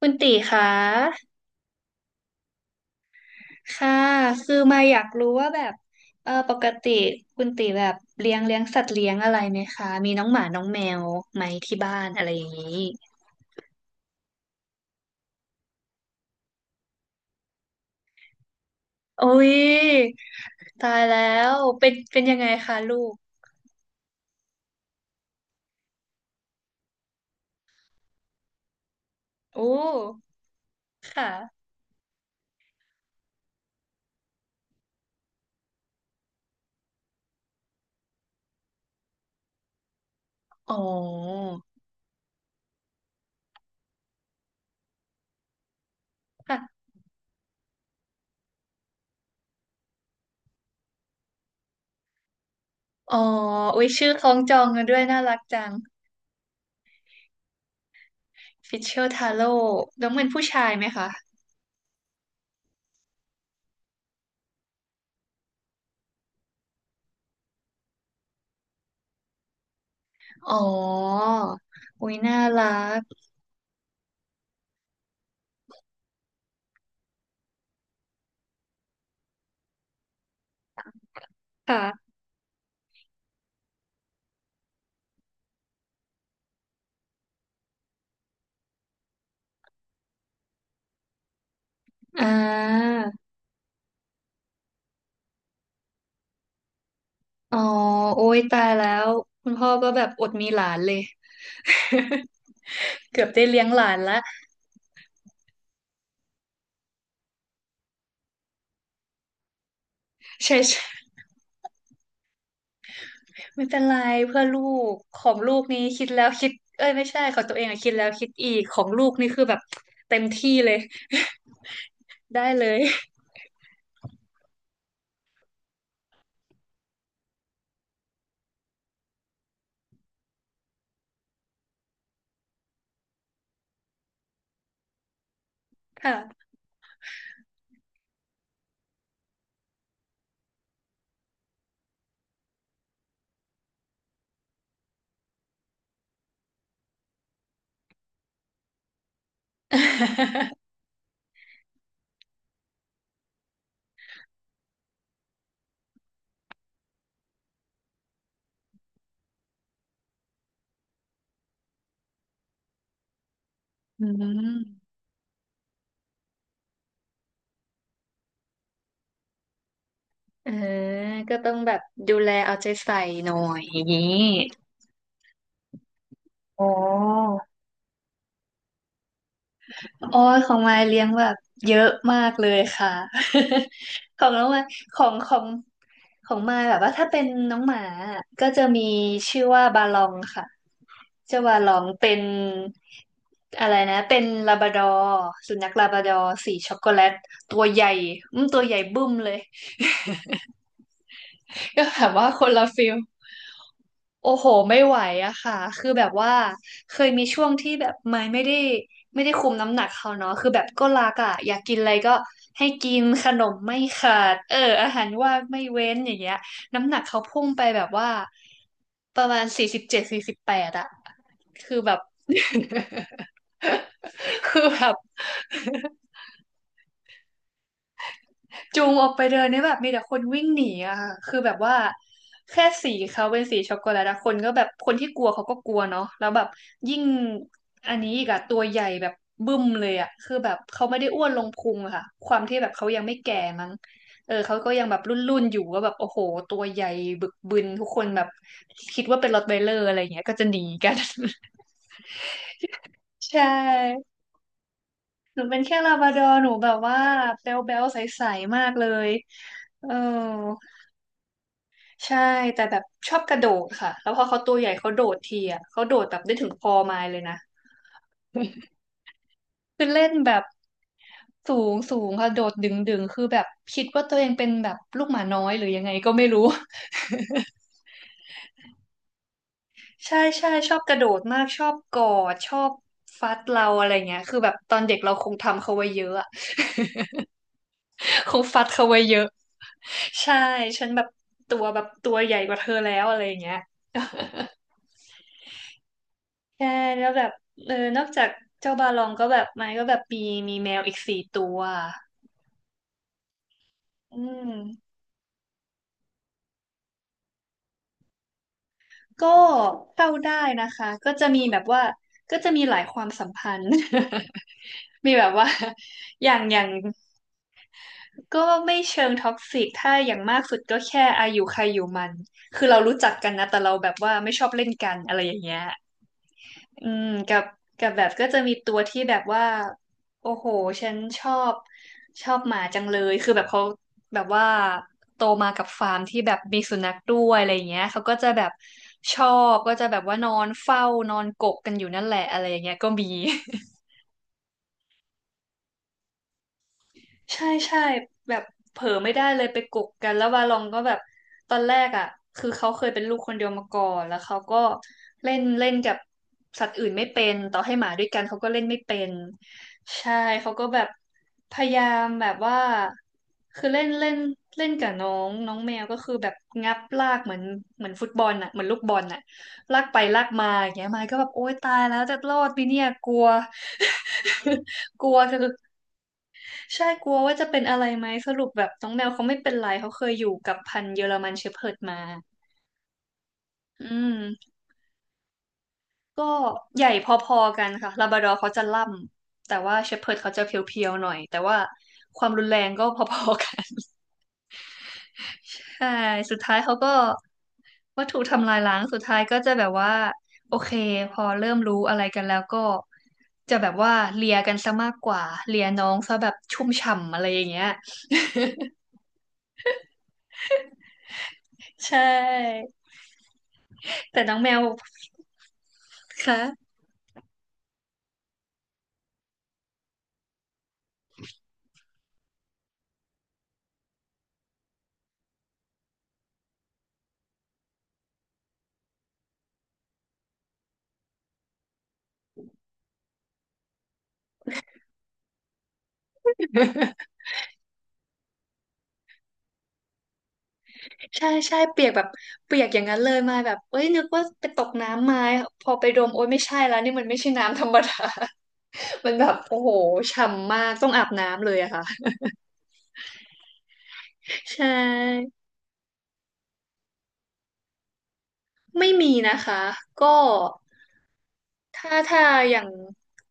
คุณตีคะค่ะ คือมาอยากรู้ว่าแบบปกติคุณตีแบบเลี้ยงสัตว์เลี้ยงอะไรไหมคะ มีน้องหมาน้องแมวไหมที่บ้านอะไรอย่างนี้โอ้ยตายแล้วเป็นยังไงคะลูกโอ้ค่ะ อ๋อค่ะอ๋ออุ้ยชื่อคล้องจองกันด้วยน่ารักจังฟิชเชอร์ทาโร่น้องเป็นผู้ชายไหมคะ อ๋ออุ้ยน่ารักค่ะอ่า อ๋อโอ้ยตายแล้วคุณพ่อก็แบบอดมีหลานเลย เกือบได้เลี้ยงหลานละใช่ใช่ไม่เป็นไรเพื่อลูกของลูกนี้คิดแล้วคิดเอ้ยไม่ใช่ของตัวเองอะคิดแล้วคิดอีกของลูกนี่คือแบบเต็มที่เลยได้เลย ค่ะ อืมเออก็ต้องแบบดูแลเอาใจใส่หน่อยอย่างนี้อ๋อ โอ้ยของมายเลี้ยงแบบเยอะมากเลยค่ะ ของน้องมายของของของมายแบบว่าถ้าเป็นน้องหมาอะก็จะมีชื่อว่าบาลองค่ะเจ้าบาลองเป็นอะไรนะเป็นลาบราดอร์สุนัขลาบราดอร์สีช็อกโกแลตตัวใหญ่อืมตัวใหญ่บึ้มเลย ก็ แบบว่าคนละฟิลโอ้โหไม่ไหวอะค่ะ คือแบบว่าเคยมีช่วงที่แบบไม่ได้คุมน้ำหนักเขาเนาะคือแบบก็รักอะอยากกินอะไรก็ให้กินขนมไม่ขาด อาหารว่างไม่เว้นอย่างเงี้ยน้ำหนักเขาพุ่งไปแบบว่าประมาณ4748อะคือแบบ คือแบบ จูงออกไปเดินนี่แบบมีแต่คนวิ่งหนีอะค่ะคือแบบว่าแค่สีเขาเป็นสีช็อกโกแลตอะคนก็แบบคนที่กลัวเขาก็กลัวเนาะแล้วแบบยิ่งอันนี้อีกอะตัวใหญ่แบบบึ้มเลยอะคือแบบเขาไม่ได้อ้วนลงพุงอะค่ะความที่แบบเขายังไม่แก่มั้งเออเขาก็ยังแบบรุ่นๆอยู่ว่าแบบโอ้โหตัวใหญ่บึกบึนทุกคนแบบคิดว่าเป็นรอตไวเลอร์อะไรอย่างเงี้ยก็จะหนีกัน ใช่หนูเป็นแค่ลาบราดอร์หนูแบบว่าแบ๊วๆใสๆมากเลยเออ ใช่แต่แบบชอบกระโดดค่ะแล้วพอเขาตัวใหญ่เขาโดดทีอ่ะเขาโดดแบบได้ถึงคอไม้เลยนะคือเล่นแบบสูงสูงค่ะโดดดึงดึงคือแบบคิดว่าตัวเองเป็นแบบลูกหมาน้อยหรือยังไงก็ไม่รู้ ใช่ใช่ชอบกระโดดมากชอบกอดชอบฟัดเราอะไรเงี้ยคือแบบตอนเด็กเราคงทำเขาไว้เยอะอะ คงฟัดเขาไว้เยอะใช่ฉันแบบตัวใหญ่กว่าเธอแล้วอะไรเงี้ย ใช่แล้วแบบเออนอกจากเจ้าบาลองก็แบบมันก็แบบมีแมวอีกสี่ตัวอืมก็เข้าได้นะคะก็จะมีแบบว่าก็จะมีหลายความสัมพันธ์ มีแบบว่าอย่างก็ไม่เชิงท็อกซิกถ้าอย่างมากสุดก็แค่อายุใครอยู่มันคือเรารู้จักกันนะแต่เราแบบว่าไม่ชอบเล่นกันอะไรอย่างเงี้ย อืมกับแบบก็จะมีตัวที่แบบว่าโอ้โหฉันชอบหมาจังเลยคือแบบเขาแบบว่าโตมากับฟาร์มที่แบบมีสุนัขด้วยอะไรอย่างเงี้ยเขาก็จะแบบชอบก็จะแบบว่านอนเฝ้านอนกกกันอยู่นั่นแหละอะไรอย่างเงี้ยก็มี ใช่ใช่แบบเผลอไม่ได้เลยไปกกกันแล้ววาลองก็แบบตอนแรกอ่ะคือเขาเคยเป็นลูกคนเดียวมาก่อนแล้วเขาก็เล่นเล่นกับสัตว์อื่นไม่เป็นต่อให้หมาด้วยกันเขาก็เล่นไม่เป็นใช่เขาก็แบบพยายามแบบว่าคือเล่นเล่นเล่นกับน้องน้องแมวก็คือแบบงับลากเหมือนฟุตบอลอ่ะเหมือนลูกบอลอ่ะลากไปลากมาอย่างเงี้ยมายก็แบบโอ๊ยตายแล้วจะรอดไหมเนี่ยกลัว กลัวคือ ใช่กลัวว่าจะเป็นอะไรไหมสรุปแบบน้องแมวเขาไม่เป็นไรเขาเคยอยู่กับพันธุ์เยอรมันเชพเพิร์ดมาอืมก็ใหญ่พอๆกันค่ะลาบราดอร์เขาจะล่ำแต่ว่าเชพเพิร์ดเขาจะเพียวๆหน่อยแต่ว่าความรุนแรงก็พอๆกัน ใช่สุดท้ายเขาก็ว่าถูกทำลายล้างสุดท้ายก็จะแบบว่าโอเคพอเริ่มรู้อะไรกันแล้วก็จะแบบว่าเลียกันซะมากกว่าเลียน้องซะแบบชุ่มฉ่ำอะไรอย่างเงี้ยใช่แต่น้องแมวค่ะ ใช่ใช่เปียกแบบเปียกอย่างนั้นเลยมาแบบเอ้ยนึกว่าไปตกน้ำมาพอไปดมโอ้ยไม่ใช่แล้วนี่มันไม่ใช่น้ำธรรมดา มันแบบโอ้โหฉ่ำมากต้องอาบน้ำเลยอะค่ะใช่ไม่มีนะคะก็ถ้าอย่าง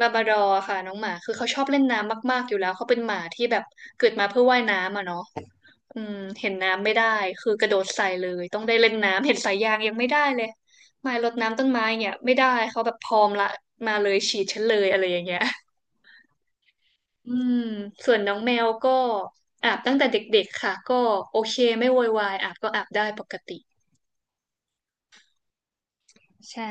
ลาบราดอร์ค่ะน้องหมาคือเขาชอบเล่นน้ำมากๆอยู่แล้วเขาเป็นหมาที่แบบเกิดมาเพื่อว่ายน้ำอะเนาะ อืมเห็นน้ำไม่ได้คือกระโดดใส่เลยต้องได้เล่นน้ำเห็นสายยางยังไม่ได้เลยไม้รดน้ำต้นไม้เนี่ยไม่ได้เขาแบบพร้อมละมาเลยฉีดฉันเลยอะไรอย่างเงี้ยอืมส่วนน้องแมวก็อาบตั้งแต่เด็กๆค่ะก็โอเคไม่โวยวายอาบก็อาบได้ปกติใช่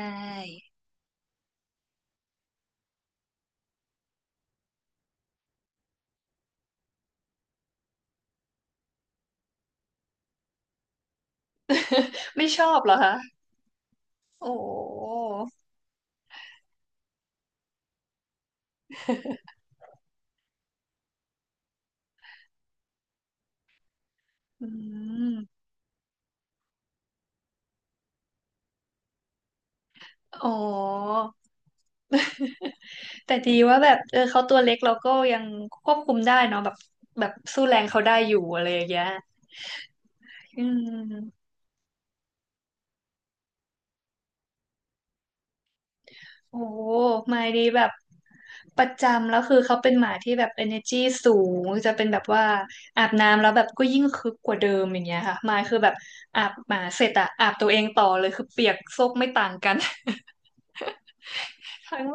ไม่ชอบเหรอคะโอ้ อืมอ๋อ แต่ดีว่าแบบเออเขาตัวเล็กเราก็ยังควบคุมได้เนาะแบบแบบสู้แรงเขาได้อยู่อะไรอย่างเงี้ยอืมโอ้หมายดีแบบประจำแล้วคือเขาเป็นหมาที่แบบ energy สูงจะเป็นแบบว่าอาบน้ำแล้วแบบก็ยิ่งคึกกว่าเดิมอย่างเงี้ยค่ะหมายคือแบบอาบหมาเสร็จอะอาบตัวเองต่อเลยคือเปียกโซกไม่ต่างกัน ทั้ง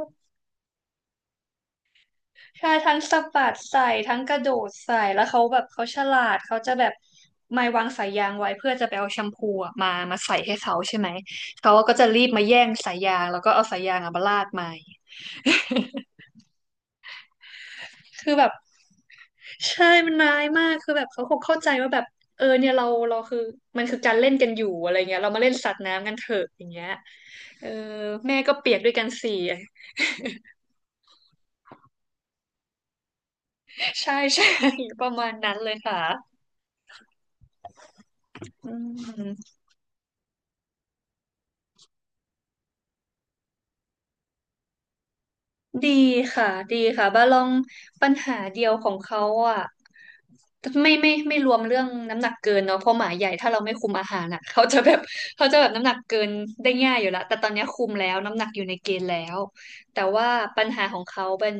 ใช่ทั้งสะบัดใส่ทั้งกระโดดใส่แล้วเขาแบบเขาฉลาดเขาจะแบบไม่วางสายยางไว้เพื่อจะไปเอาแชมพูอะมามาใส่ให้เขาใช่ไหมเขาก็จะรีบมาแย่งสายยางแล้วก็เอาสายยางอะมาลาดไม้คือแบบใช่มันร้ายมากคือแบบเขาคงเข้าใจว่าแบบเออเนี่ยเราคือมันคือการเล่นกันอยู่อะไรเงี้ยเรามาเล่นสัตว์น้ำกันเถอะอย่างเงี้ยเออแม่ก็เปียกด้วยกันสี่ ใช่ใช่ ประมาณนั้นเลยค่ะอืม ดีค่ะดีค่ะบาลองปัญหาเดียวของเขาอ่ะไม่รวมเรื่องน้ำหนักเกินเนาะเพราะหมาใหญ่ถ้าเราไม่คุมอาหารอ่ะเขาจะแบบ เขาจะแบบน้ำหนักเกินได้ง่ายอยู่ละแต่ตอนเนี้ยคุมแล้วน้ำหนักอยู่ในเกณฑ์แล้วแต่ว่าปัญหาของเขาเป็น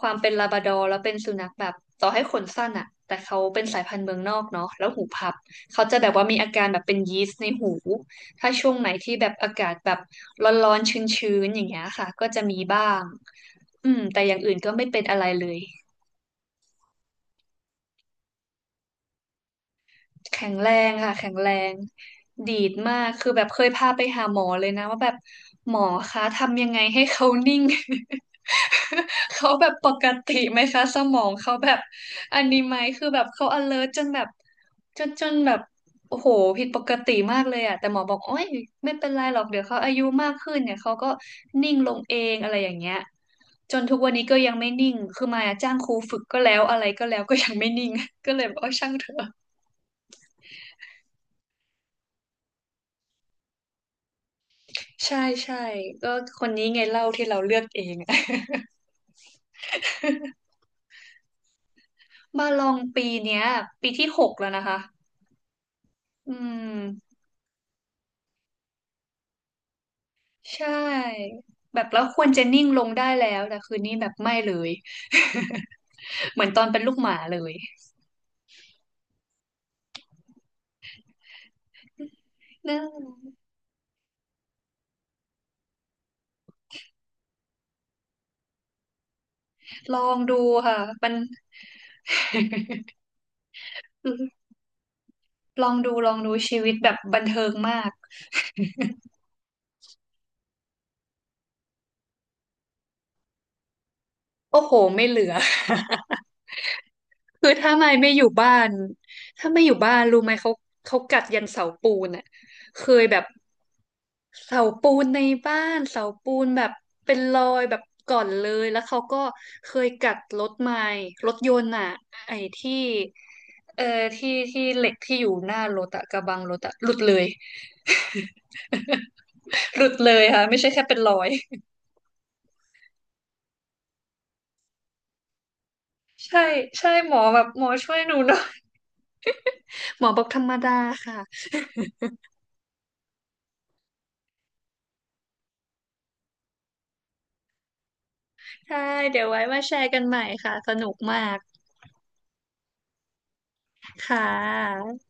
ความเป็นลาบราดอร์แล้วเป็นสุนัขแบบต่อให้ขนสั้นอ่ะแต่เขาเป็นสายพันธุ์เมืองนอกเนาะแล้วหูพับเขาจะแบบว่ามีอาการแบบเป็นยีสต์ในหู ถ้าช่วงไหนที่แบบอากาศแบบร้อนๆชื้นๆอย่างเงี้ยค่ะก็จะมีบ้างอืมแต่อย่างอื่นก็ไม่เป็นอะไรเลย แข็งแรงค่ะแข็งแรงดีดมากคือแบบเคยพาไปหาหมอเลยนะว่าแบบหมอคะทำยังไงให้เขานิ่ง เขาแบบปกติไหมคะสมองเขาแบบอันนี้ไหมคือแบบเขา alert จนแบบจนแบบโอ้โหผิดปกติมากเลยอะแต่หมอบอกโอ้ยไม่เป็นไรหรอกเดี๋ยวเขาอายุมากขึ้นเนี่ยเขาก็นิ่งลงเองอะไรอย่างเงี้ยจนทุกวันนี้ก็ยังไม่นิ่งคือมายอะจ้างครูฝึกก็แล้วอะไรก็แล้วก็ยังไม่นิ่ง ก็เลยบอกว่าช่างเถอะ ใช่ใช่ก็คนนี้ไงเล่าที่เราเลือกเอง มาลองปีเนี้ยปีที่หกแล้วนะคะอืมใช่แบบแล้วควรจะนิ่งลงได้แล้วแต่คืนนี้แบบไม่เลย เหมือนตอนเป็นลูกหมาเลยนะลองดูค่ะมัน ลองดูลองดูชีวิตแบบบันเทิงมากโอ้โหไม่เหลือ คือถ้าไม่อยู่บ้าน ถ้าไม่อยู่บ้านรู้ไหมเขากัดยันเสาปูนอ่ะเคยแบบเสาปูนในบ้านเสาปูนแบบเป็นรอยแบบก่อนเลยแล้วเขาก็เคยกัดรถไม้รถยนต์อ่ะไอ้ที่เอ่อที่ที่เหล็กที่อยู่หน้ารถอะกระบังรถอะหลุดเลยหลุดเลยค่ะไม่ใช่แค่เป็นรอยใช่ใช่หมอแบบหมอช่วยหนูหน่อยหมอบอกธรรมดาค่ะใช่เดี๋ยวไว้มาแชร์กันใหม่ค่ะสนุกมาก ค่ะ